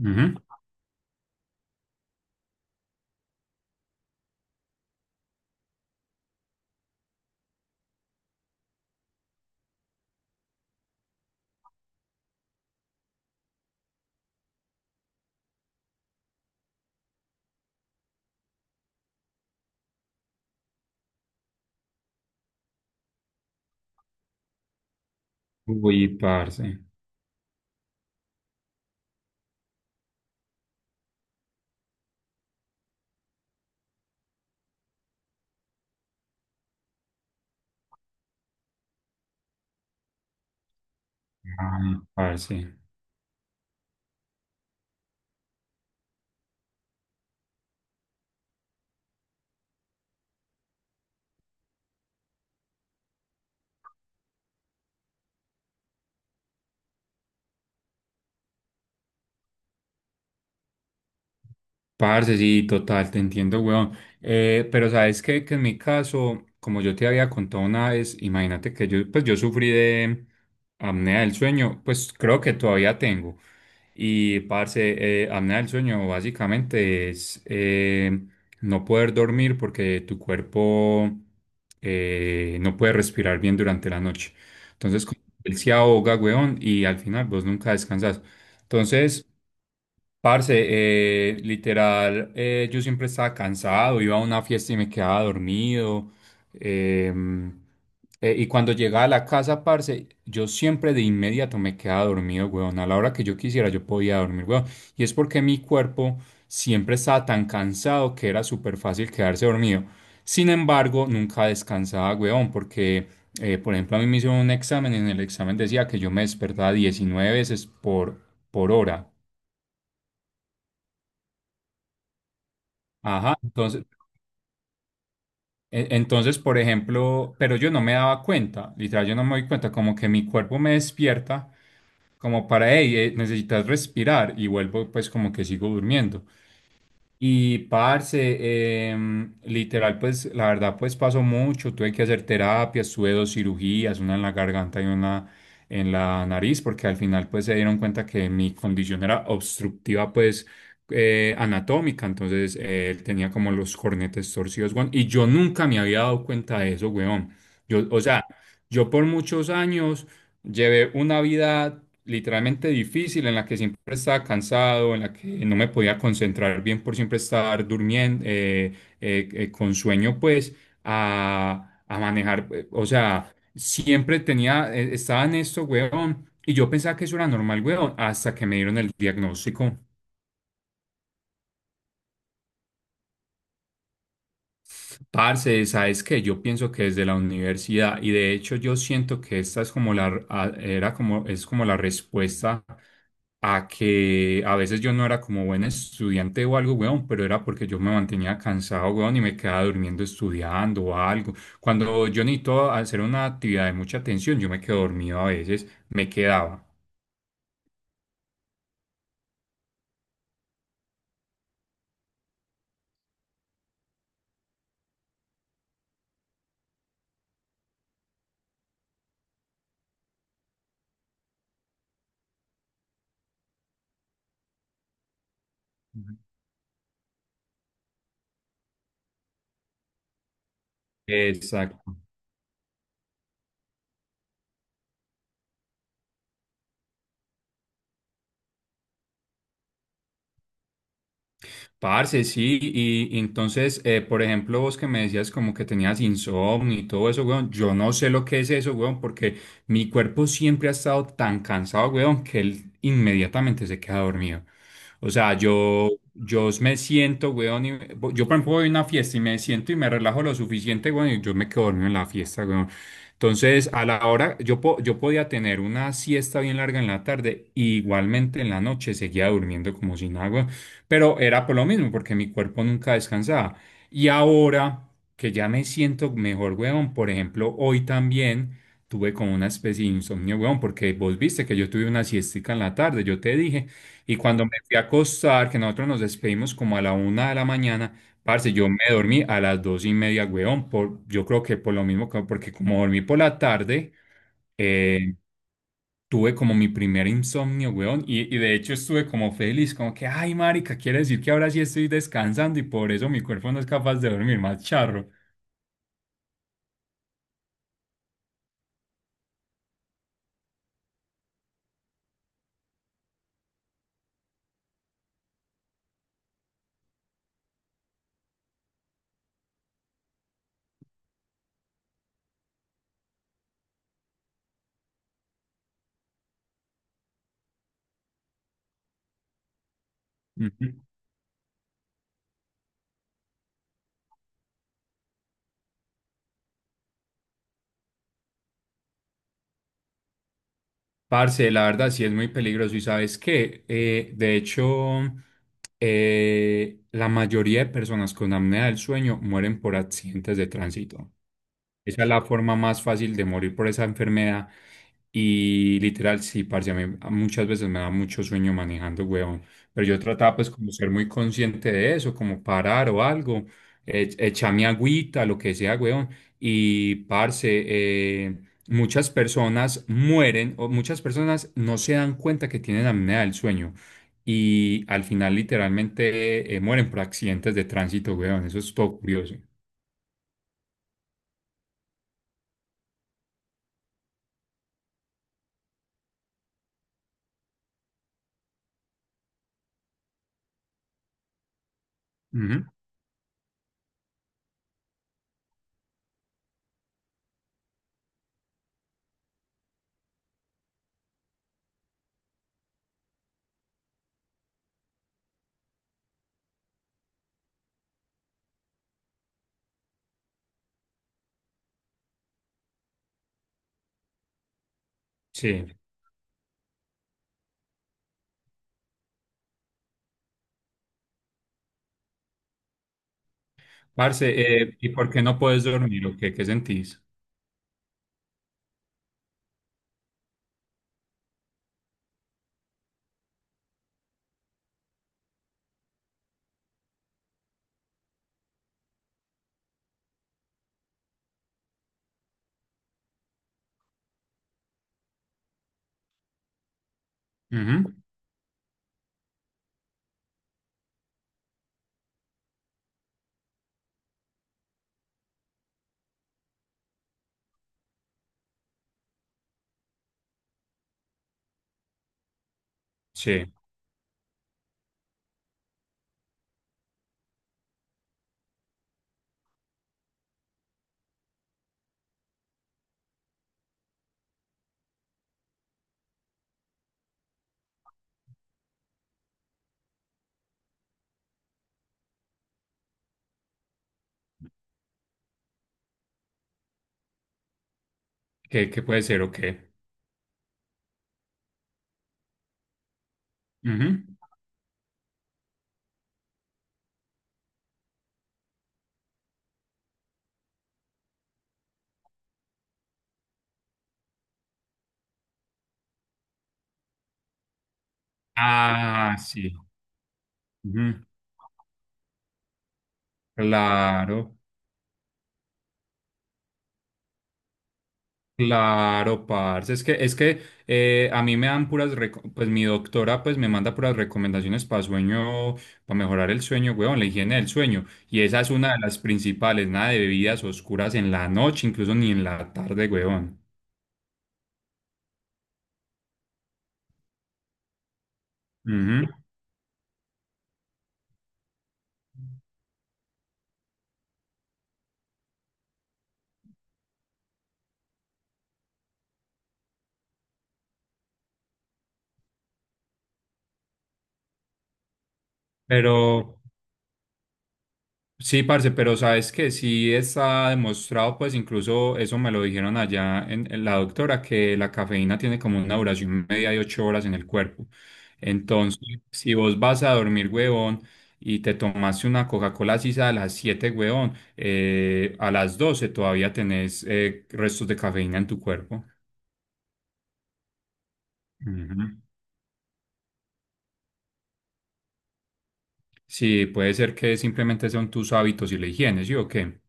Ujú. Uy, parce. Ay, parce. Parce, sí, total, te entiendo, weón. Pero sabes que en mi caso, como yo te había contado una vez, imagínate que yo, pues yo sufrí de apnea del sueño, pues creo que todavía tengo. Y, parce, apnea del sueño básicamente es no poder dormir porque tu cuerpo no puede respirar bien durante la noche. Entonces, como él se ahoga, weón, y al final vos nunca descansas. Entonces, parce, literal, yo siempre estaba cansado, iba a una fiesta y me quedaba dormido. em, y cuando llegaba a la casa, parce, yo siempre de inmediato me quedaba dormido, weón. A la hora que yo quisiera, yo podía dormir, weón. Y es porque mi cuerpo siempre estaba tan cansado que era súper fácil quedarse dormido. Sin embargo, nunca descansaba, weón, porque, por ejemplo, a mí me hicieron un examen y en el examen decía que yo me despertaba 19 veces por hora. Ajá, entonces, por ejemplo, pero yo no me daba cuenta, literal, yo no me doy cuenta, como que mi cuerpo me despierta, como para, hey, necesitas respirar, y vuelvo, pues, como que sigo durmiendo. Y parce, literal, pues la verdad, pues pasó mucho. Tuve que hacer terapias, tuve dos cirugías, una en la garganta y una en la nariz, porque al final, pues se dieron cuenta que mi condición era obstructiva, pues anatómica. Entonces, tenía como los cornetes torcidos, weón. Y yo nunca me había dado cuenta de eso, weón. Yo, o sea, yo por muchos años. Llevé una vida literalmente difícil en la que siempre estaba cansado, en la que no me podía concentrar bien por siempre estar durmiendo, con sueño, pues, a manejar. O sea, siempre tenía, estaba en esto, weón, y yo pensaba que eso era normal, weón, hasta que me dieron el diagnóstico. Parce, sabes que yo pienso que desde la universidad, y de hecho yo siento que esta es como la, a- era como, es como la respuesta a que a veces yo no era como buen estudiante o algo, weón, pero era porque yo me mantenía cansado, weón, y me quedaba durmiendo estudiando o algo. Cuando yo necesito hacer una actividad de mucha atención, yo me quedo dormido a veces, me quedaba. Ujú. Exacto. Parce, sí, y entonces, por ejemplo, vos que me decías como que tenías insomnio y todo eso, weón, yo no sé lo que es eso, weón, porque mi cuerpo siempre ha estado tan cansado, weón, que él inmediatamente se queda dormido. O sea, yo me siento, weón, yo por ejemplo voy a una fiesta y me siento y me relajo lo suficiente, weón, y yo me quedo dormido en la fiesta, weón. Entonces, a la hora, yo podía tener una siesta bien larga en la tarde, y igualmente en la noche seguía durmiendo como sin agua. Pero era por lo mismo, porque mi cuerpo nunca descansaba. Y ahora que ya me siento mejor, weón, por ejemplo, hoy también tuve como una especie de insomnio, weón, porque vos viste que yo tuve una siestica en la tarde, yo te dije, y cuando me fui a acostar, que nosotros nos despedimos como a la una de la mañana, parce, yo me dormí a las dos y media, weón, por, yo creo que por lo mismo, porque como dormí por la tarde, eh, tuve como mi primer insomnio, weón, y de hecho estuve como feliz, como que, ay, marica, quiere decir que ahora sí estoy descansando y por eso mi cuerpo no es capaz de dormir, más charro. Ujú. Parce, la verdad sí es muy peligroso y sabes qué. De hecho, la mayoría de personas con apnea del sueño mueren por accidentes de tránsito. Esa es la forma más fácil de morir por esa enfermedad. Y literal, sí, parce, a mí muchas veces me da mucho sueño manejando, huevón. Pero yo trataba pues como ser muy consciente de eso, como parar o algo, echar mi agüita, lo que sea, huevón. Y parce, eh, muchas personas mueren o muchas personas no se dan cuenta que tienen apnea del sueño y al final literalmente mueren por accidentes de tránsito, huevón. Eso es todo curioso. Ujú. Sí. Parce, ¿y por qué no puedes dormir o qué? ¿Qué sentís? Ujú. Sí, ¿qué, qué puede ser o qué? Ujú. Ah, sí. Ujú. Claro, claro, parce. Es que a mí me dan puras, pues mi doctora pues me manda puras recomendaciones para sueño, para mejorar el sueño, weón, la higiene del sueño. Y esa es una de las principales, nada de bebidas oscuras en la noche, incluso ni en la tarde, weón. Ujú. Pero... Sí, parce, pero sabes que sí está demostrado, pues incluso eso me lo dijeron allá en la doctora, que la cafeína tiene como una duración media de 8 horas en el cuerpo. Entonces, si vos vas a dormir, huevón, y te tomaste una Coca-Cola sisa a las 7 huevón, a las 12 todavía tenés restos de cafeína en tu cuerpo. Ujú. Sí, puede ser que simplemente son tus hábitos y la higiene, ¿sí o qué?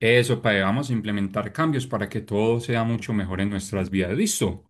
Eso, para vamos a implementar cambios para que todo sea mucho mejor en nuestras vidas. ¿Listo?